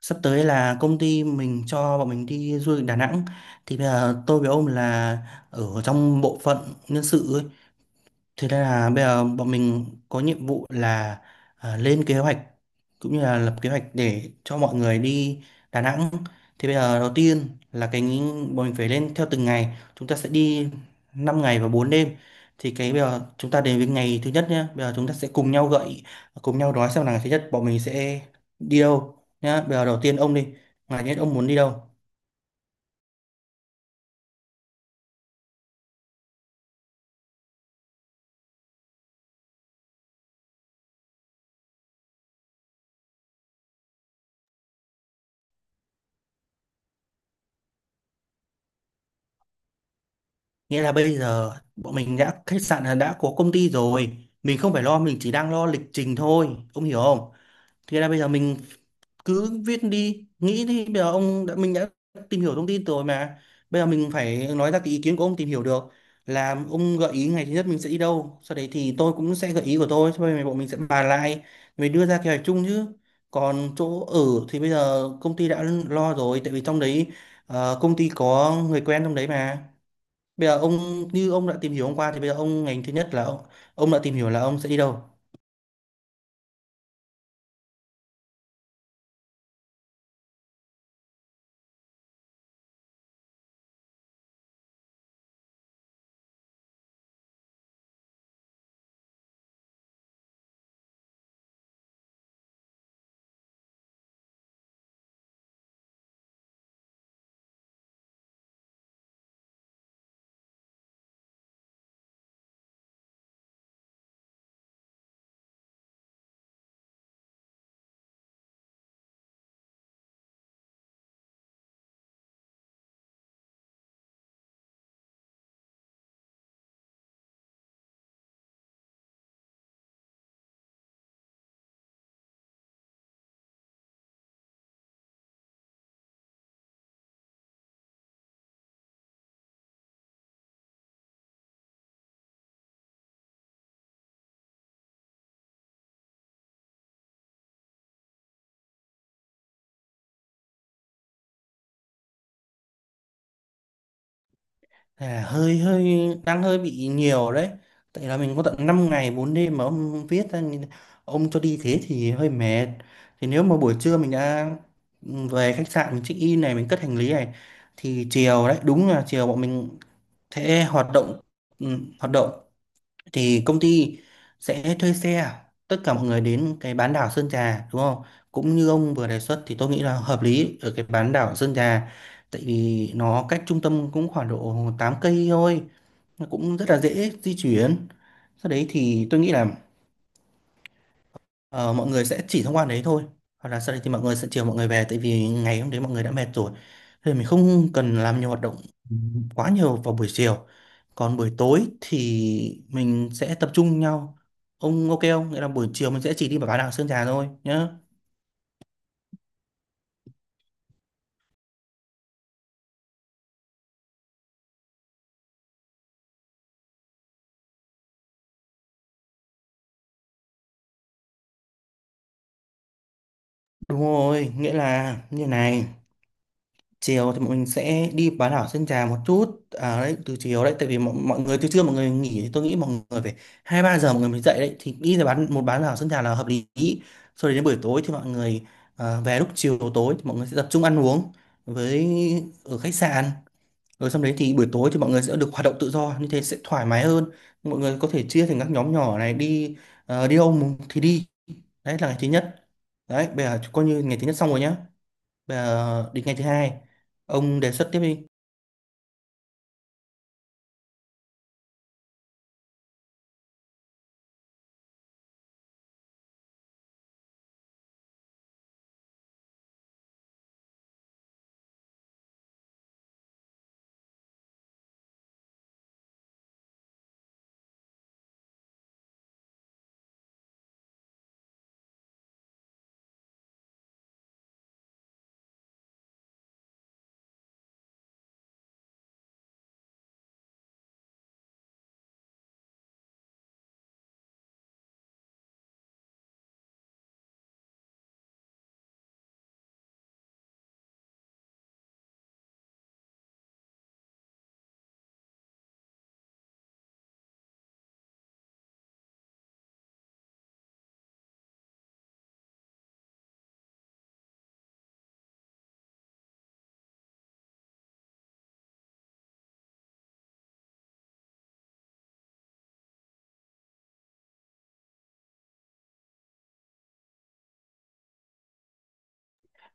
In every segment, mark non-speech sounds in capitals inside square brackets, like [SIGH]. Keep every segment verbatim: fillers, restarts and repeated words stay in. Sắp tới là công ty mình cho bọn mình đi du lịch Đà Nẵng, thì bây giờ tôi với ông là ở trong bộ phận nhân sự ấy. Thế nên là bây giờ bọn mình có nhiệm vụ là à, lên kế hoạch, cũng như là lập kế hoạch để cho mọi người đi Đà Nẵng. Thì bây giờ đầu tiên là cái bọn mình phải lên theo từng ngày. Chúng ta sẽ đi năm ngày và bốn đêm. Thì cái bây giờ chúng ta đến với ngày thứ nhất nhé. Bây giờ chúng ta sẽ cùng nhau gợi cùng nhau nói xem là ngày thứ nhất bọn mình sẽ đi đâu nhá. Bây giờ đầu tiên ông đi. Ngày thứ nhất ông muốn đi đâu? Nghĩa là bây giờ bọn mình đã khách sạn là đã có công ty rồi, mình không phải lo, mình chỉ đang lo lịch trình thôi, ông hiểu không? Thế là bây giờ mình cứ viết đi, nghĩ đi, bây giờ ông đã mình đã tìm hiểu thông tin rồi mà. Bây giờ mình phải nói ra cái ý kiến của ông tìm hiểu được, là ông gợi ý ngày thứ nhất mình sẽ đi đâu, sau đấy thì tôi cũng sẽ gợi ý của tôi, sau này bọn mình sẽ bàn lại, mình đưa ra kế hoạch chung chứ. Còn chỗ ở thì bây giờ công ty đã lo rồi, tại vì trong đấy ờ, công ty có người quen trong đấy mà. Bây giờ ông, như ông đã tìm hiểu hôm qua, thì bây giờ ông ngành thứ nhất là ông, ông đã tìm hiểu là ông sẽ đi đâu. À, hơi hơi đang hơi bị nhiều đấy. Tại là mình có tận năm ngày bốn đêm mà ông viết ra như- ông cho đi thế thì hơi mệt. Thì nếu mà buổi trưa mình đã ừ, về khách sạn mình check in này, mình cất hành lý này, thì chiều đấy, đúng là chiều bọn mình sẽ hoạt động, ừ, hoạt động thì công ty sẽ thuê xe tất cả mọi người đến cái bán đảo Sơn Trà, đúng không? Cũng như ông vừa đề xuất thì tôi nghĩ là hợp lý ở cái bán đảo Sơn Trà, tại vì nó cách trung tâm cũng khoảng độ tám cây thôi, nó cũng rất là dễ di chuyển. Sau đấy thì tôi nghĩ là Ờ, mọi người sẽ chỉ thông qua đấy thôi, hoặc là sau đấy thì mọi người sẽ chiều mọi người về, tại vì ngày hôm đấy mọi người đã mệt rồi, thì mình không cần làm nhiều hoạt động quá nhiều vào buổi chiều. Còn buổi tối thì mình sẽ tập trung nhau. Ông ok không? Nghĩa là buổi chiều mình sẽ chỉ đi vào bán đảo Sơn Trà thôi nhá. Đúng rồi, nghĩa là như này, chiều thì bọn mình sẽ đi bán đảo Sơn Trà một chút à đấy, từ chiều đấy, tại vì mọi, mọi người từ trưa mọi người nghỉ, thì tôi nghĩ mọi người phải hai ba giờ mọi người mới dậy đấy, thì đi ra bán một bán đảo Sơn Trà là hợp lý. Sau đấy đến buổi tối thì mọi người à, về, lúc chiều tối thì mọi người sẽ tập trung ăn uống với ở khách sạn. Rồi xong đấy thì buổi tối thì mọi người sẽ được hoạt động tự do, như thế sẽ thoải mái hơn, mọi người có thể chia thành các nhóm nhỏ này, đi ờ, đi đâu thì đi. Đấy là ngày thứ nhất. Đấy, bây giờ coi như ngày thứ nhất xong rồi nhá. Ờ, đến ngày thứ hai, ông đề xuất tiếp đi.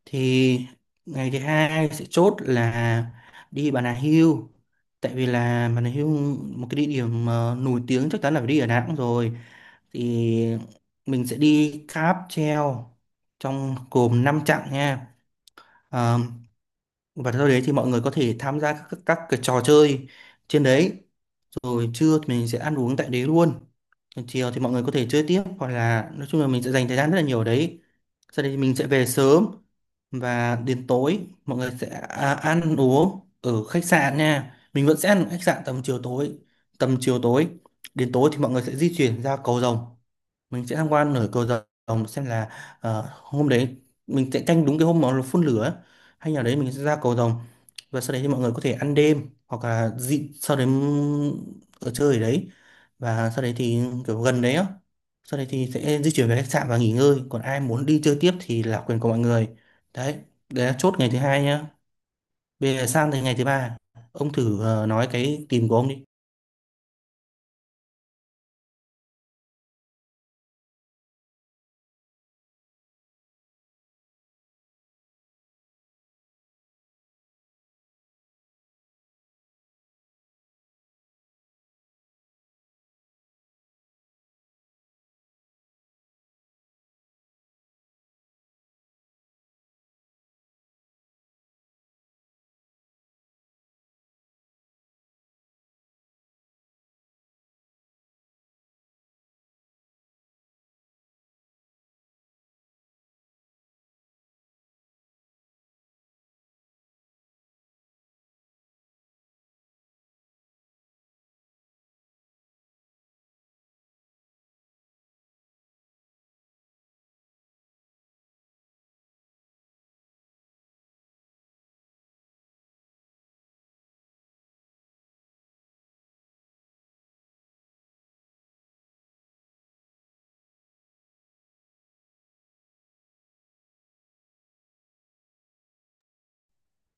Thì ngày thứ hai sẽ chốt là đi Bà Nà Hills, tại vì là Bà Nà Hills một cái địa điểm ờ, nổi tiếng, chắc chắn là phải đi ở Đà Nẵng rồi. Thì mình sẽ đi cáp treo trong gồm năm chặng nha. Ờ, và sau đấy thì mọi người có thể tham gia các, các các cái trò chơi trên đấy. Rồi trưa thì mình sẽ ăn uống tại đấy luôn, chiều thì mọi người có thể chơi tiếp, hoặc là nói chung là mình sẽ dành thời gian rất là nhiều ở đấy. Sau đấy mình sẽ về sớm, và đến tối mọi người sẽ à, ăn uống ở khách sạn nha, mình vẫn sẽ ăn ở khách sạn tầm chiều tối tầm chiều tối. Đến tối thì mọi người sẽ di chuyển ra cầu rồng, mình sẽ tham quan nổi cầu rồng, xem là ờ, hôm đấy mình sẽ canh đúng cái hôm mà phun lửa ấy. Hay là đấy, mình sẽ ra cầu rồng, và sau đấy thì mọi người có thể ăn đêm, hoặc là dị sau đấy ở chơi ở đấy, và sau đấy thì kiểu gần đấy á, sau đấy thì sẽ di chuyển về khách sạn và nghỉ ngơi, còn ai muốn đi chơi tiếp thì là quyền của mọi người. Đấy, đấy là chốt ngày thứ hai nhá. Bây giờ sang tới ngày thứ ba, ông thử ờ, nói cái tìm của ông đi.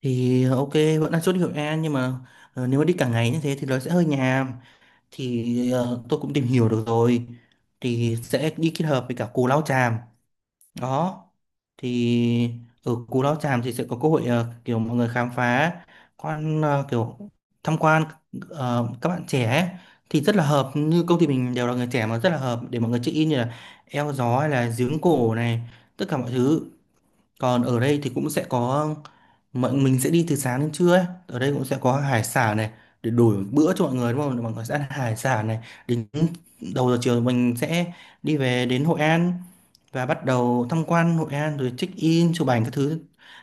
Thì ờ, ok, vẫn là chốt hiệu E, nhưng mà ờ, nếu mà đi cả ngày như thế thì nó sẽ hơi nhàm. Thì ờ, tôi cũng tìm hiểu được rồi, thì sẽ đi kết hợp với cả Cù Lao Chàm đó. Thì ở Cù Lao Chàm thì sẽ có cơ hội ờ, kiểu mọi người khám phá quan ờ, kiểu tham quan ờ, các bạn trẻ ấy. Thì rất là hợp, như công ty mình đều là người trẻ mà, rất là hợp để mọi người check in như là eo gió hay là giếng cổ này, tất cả mọi thứ. Còn ở đây thì cũng sẽ có, mọi mình sẽ đi từ sáng đến trưa ấy. Ở đây cũng sẽ có hải sản này để đổi bữa cho mọi người đúng không? Mọi người sẽ ăn hải sản này, đến đầu giờ chiều mình sẽ đi về đến Hội An, và bắt đầu tham quan Hội An rồi check in chụp ảnh các thứ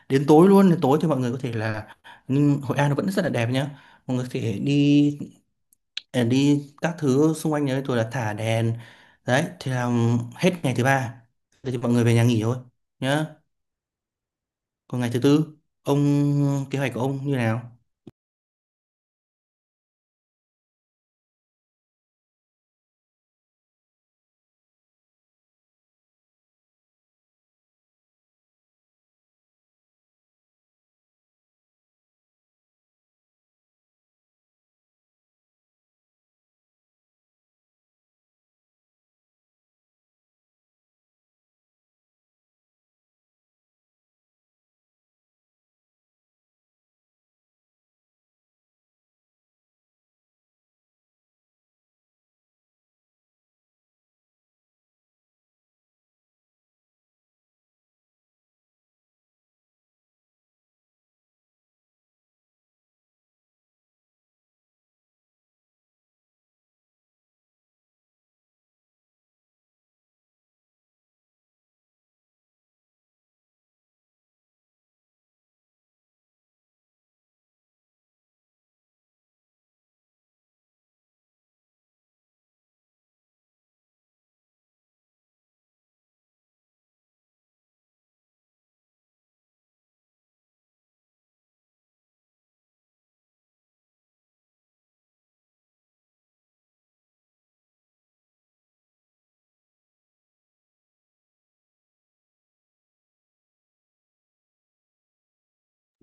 đến tối luôn. Đến tối thì mọi người có thể là, nhưng Hội An nó vẫn rất là đẹp nhá, mọi người có thể đi à, đi các thứ xung quanh đấy rồi là thả đèn. Đấy thì làm hết ngày thứ ba. Thế thì mọi người về nhà nghỉ thôi nhá. Còn ngày thứ tư, ông kế hoạch của ông như nào?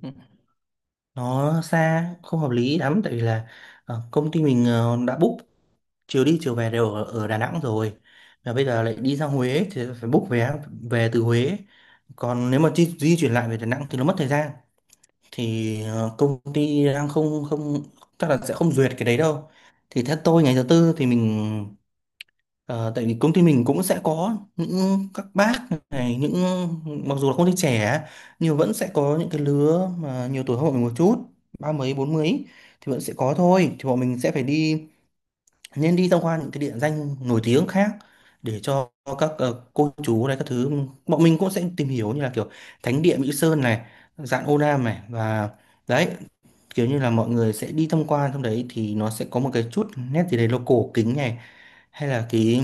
Ừ. Nó xa, không hợp lý lắm, tại vì là ờ, công ty mình ờ, đã book chiều đi chiều về đều ở, ở Đà Nẵng rồi. Và bây giờ lại đi ra Huế thì phải book vé về từ Huế. Còn nếu mà di, di chuyển lại về Đà Nẵng thì nó mất thời gian. Thì ờ, công ty đang không không chắc là sẽ không duyệt cái đấy đâu. Thì theo tôi ngày thứ tư thì mình, Ờ, tại vì công ty mình cũng sẽ có những các bác này, những, mặc dù là không thích trẻ nhưng vẫn sẽ có những cái lứa mà nhiều tuổi hơn bọn mình một chút, ba mấy bốn mấy, thì vẫn sẽ có thôi, thì bọn mình sẽ phải đi, nên đi tham quan những cái địa danh nổi tiếng khác, để cho các ờ, cô chú này các thứ. Bọn mình cũng sẽ tìm hiểu như là kiểu thánh địa Mỹ Sơn này, Dạn Ô Nam này, và đấy, kiểu như là mọi người sẽ đi tham quan trong đấy thì nó sẽ có một cái chút nét gì đấy local kính này, hay là cái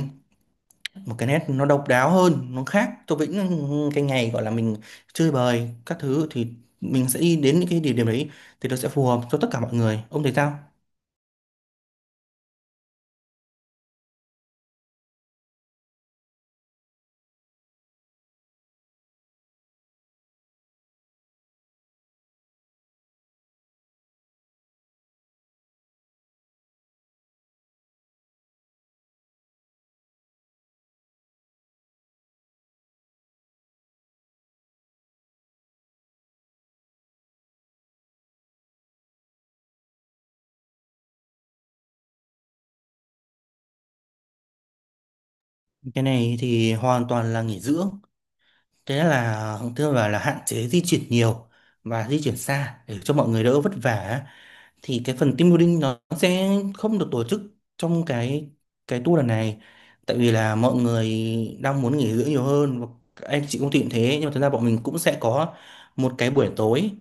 một cái nét nó độc đáo hơn, nó khác Tô Vĩnh, cái ngày gọi là mình chơi bời các thứ thì mình sẽ đi đến những cái địa điểm đấy, thì nó sẽ phù hợp cho tất cả mọi người. Ông thấy sao? Cái này thì hoàn toàn là nghỉ dưỡng, thế là tức là, là, hạn chế di chuyển nhiều và di chuyển xa, để cho mọi người đỡ vất vả. Thì cái phần team building nó sẽ không được tổ chức trong cái cái tour lần này, tại vì là mọi người đang muốn nghỉ dưỡng nhiều hơn, và các anh chị công ty cũng thế. Nhưng mà thực ra bọn mình cũng sẽ có một cái buổi tối,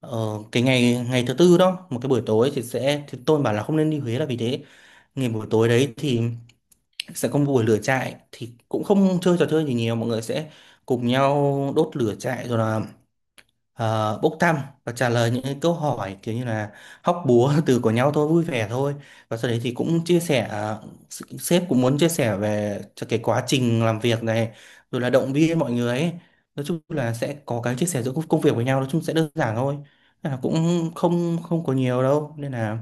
ờ, cái ngày ngày thứ tư đó, một cái buổi tối thì sẽ, thì tôi bảo là không nên đi Huế là vì thế. Ngày buổi tối đấy thì sẽ có một buổi lửa trại, thì cũng không chơi trò chơi gì nhiều, mọi người sẽ cùng nhau đốt lửa trại, rồi là ờ, bốc thăm và trả lời những cái câu hỏi kiểu như là hóc búa [LAUGHS] từ của nhau thôi, vui vẻ thôi. Và sau đấy thì cũng chia sẻ, ờ, s- sếp cũng muốn chia sẻ về cho cái quá trình làm việc này, rồi là động viên mọi người ấy. Nói chung là sẽ có cái chia sẻ giữa công công việc với nhau, nói chung sẽ đơn giản thôi. Nên là cũng không không có nhiều đâu, nên là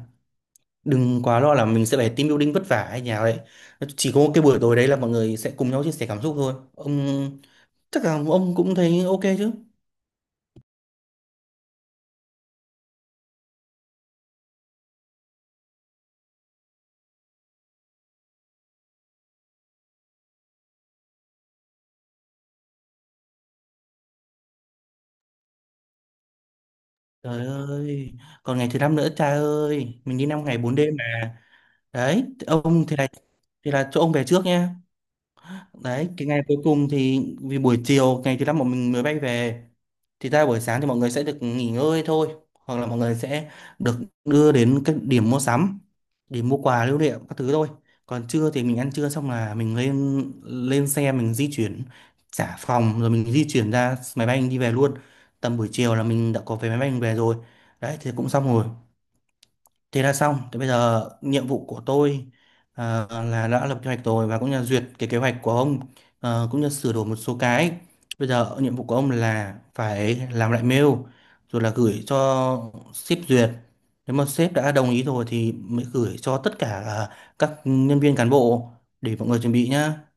đừng quá lo là mình sẽ phải team building vất vả hay nhà vậy. Chỉ có cái buổi tối đấy là mọi người sẽ cùng nhau chia sẻ cảm xúc thôi ông, chắc là ông cũng thấy ok chứ. Trời ơi, còn ngày thứ năm nữa cha ơi, mình đi năm ngày bốn đêm mà. Đấy, ông thì là thì là chỗ ông về trước nhé. Đấy, cái ngày cuối cùng thì vì buổi chiều ngày thứ năm bọn mình mới bay về. Thì ra buổi sáng thì mọi người sẽ được nghỉ ngơi thôi, hoặc là mọi người sẽ được đưa đến các điểm mua sắm để mua quà lưu niệm các thứ thôi. Còn trưa thì mình ăn trưa xong là mình lên lên xe, mình di chuyển trả phòng, rồi mình di chuyển ra máy bay mình đi về luôn. Tầm buổi chiều là mình đã có vé máy bay mình về rồi. Đấy thì cũng xong rồi. Thế là xong. Thế bây giờ nhiệm vụ của tôi à, là đã lập kế hoạch rồi, và cũng như là duyệt cái kế hoạch của ông, ờ, cũng như sửa đổi một số cái. Bây giờ nhiệm vụ của ông là phải làm lại mail rồi là gửi cho sếp duyệt. Nếu mà sếp đã đồng ý rồi thì mới gửi cho tất cả các nhân viên cán bộ để mọi người chuẩn bị nhá.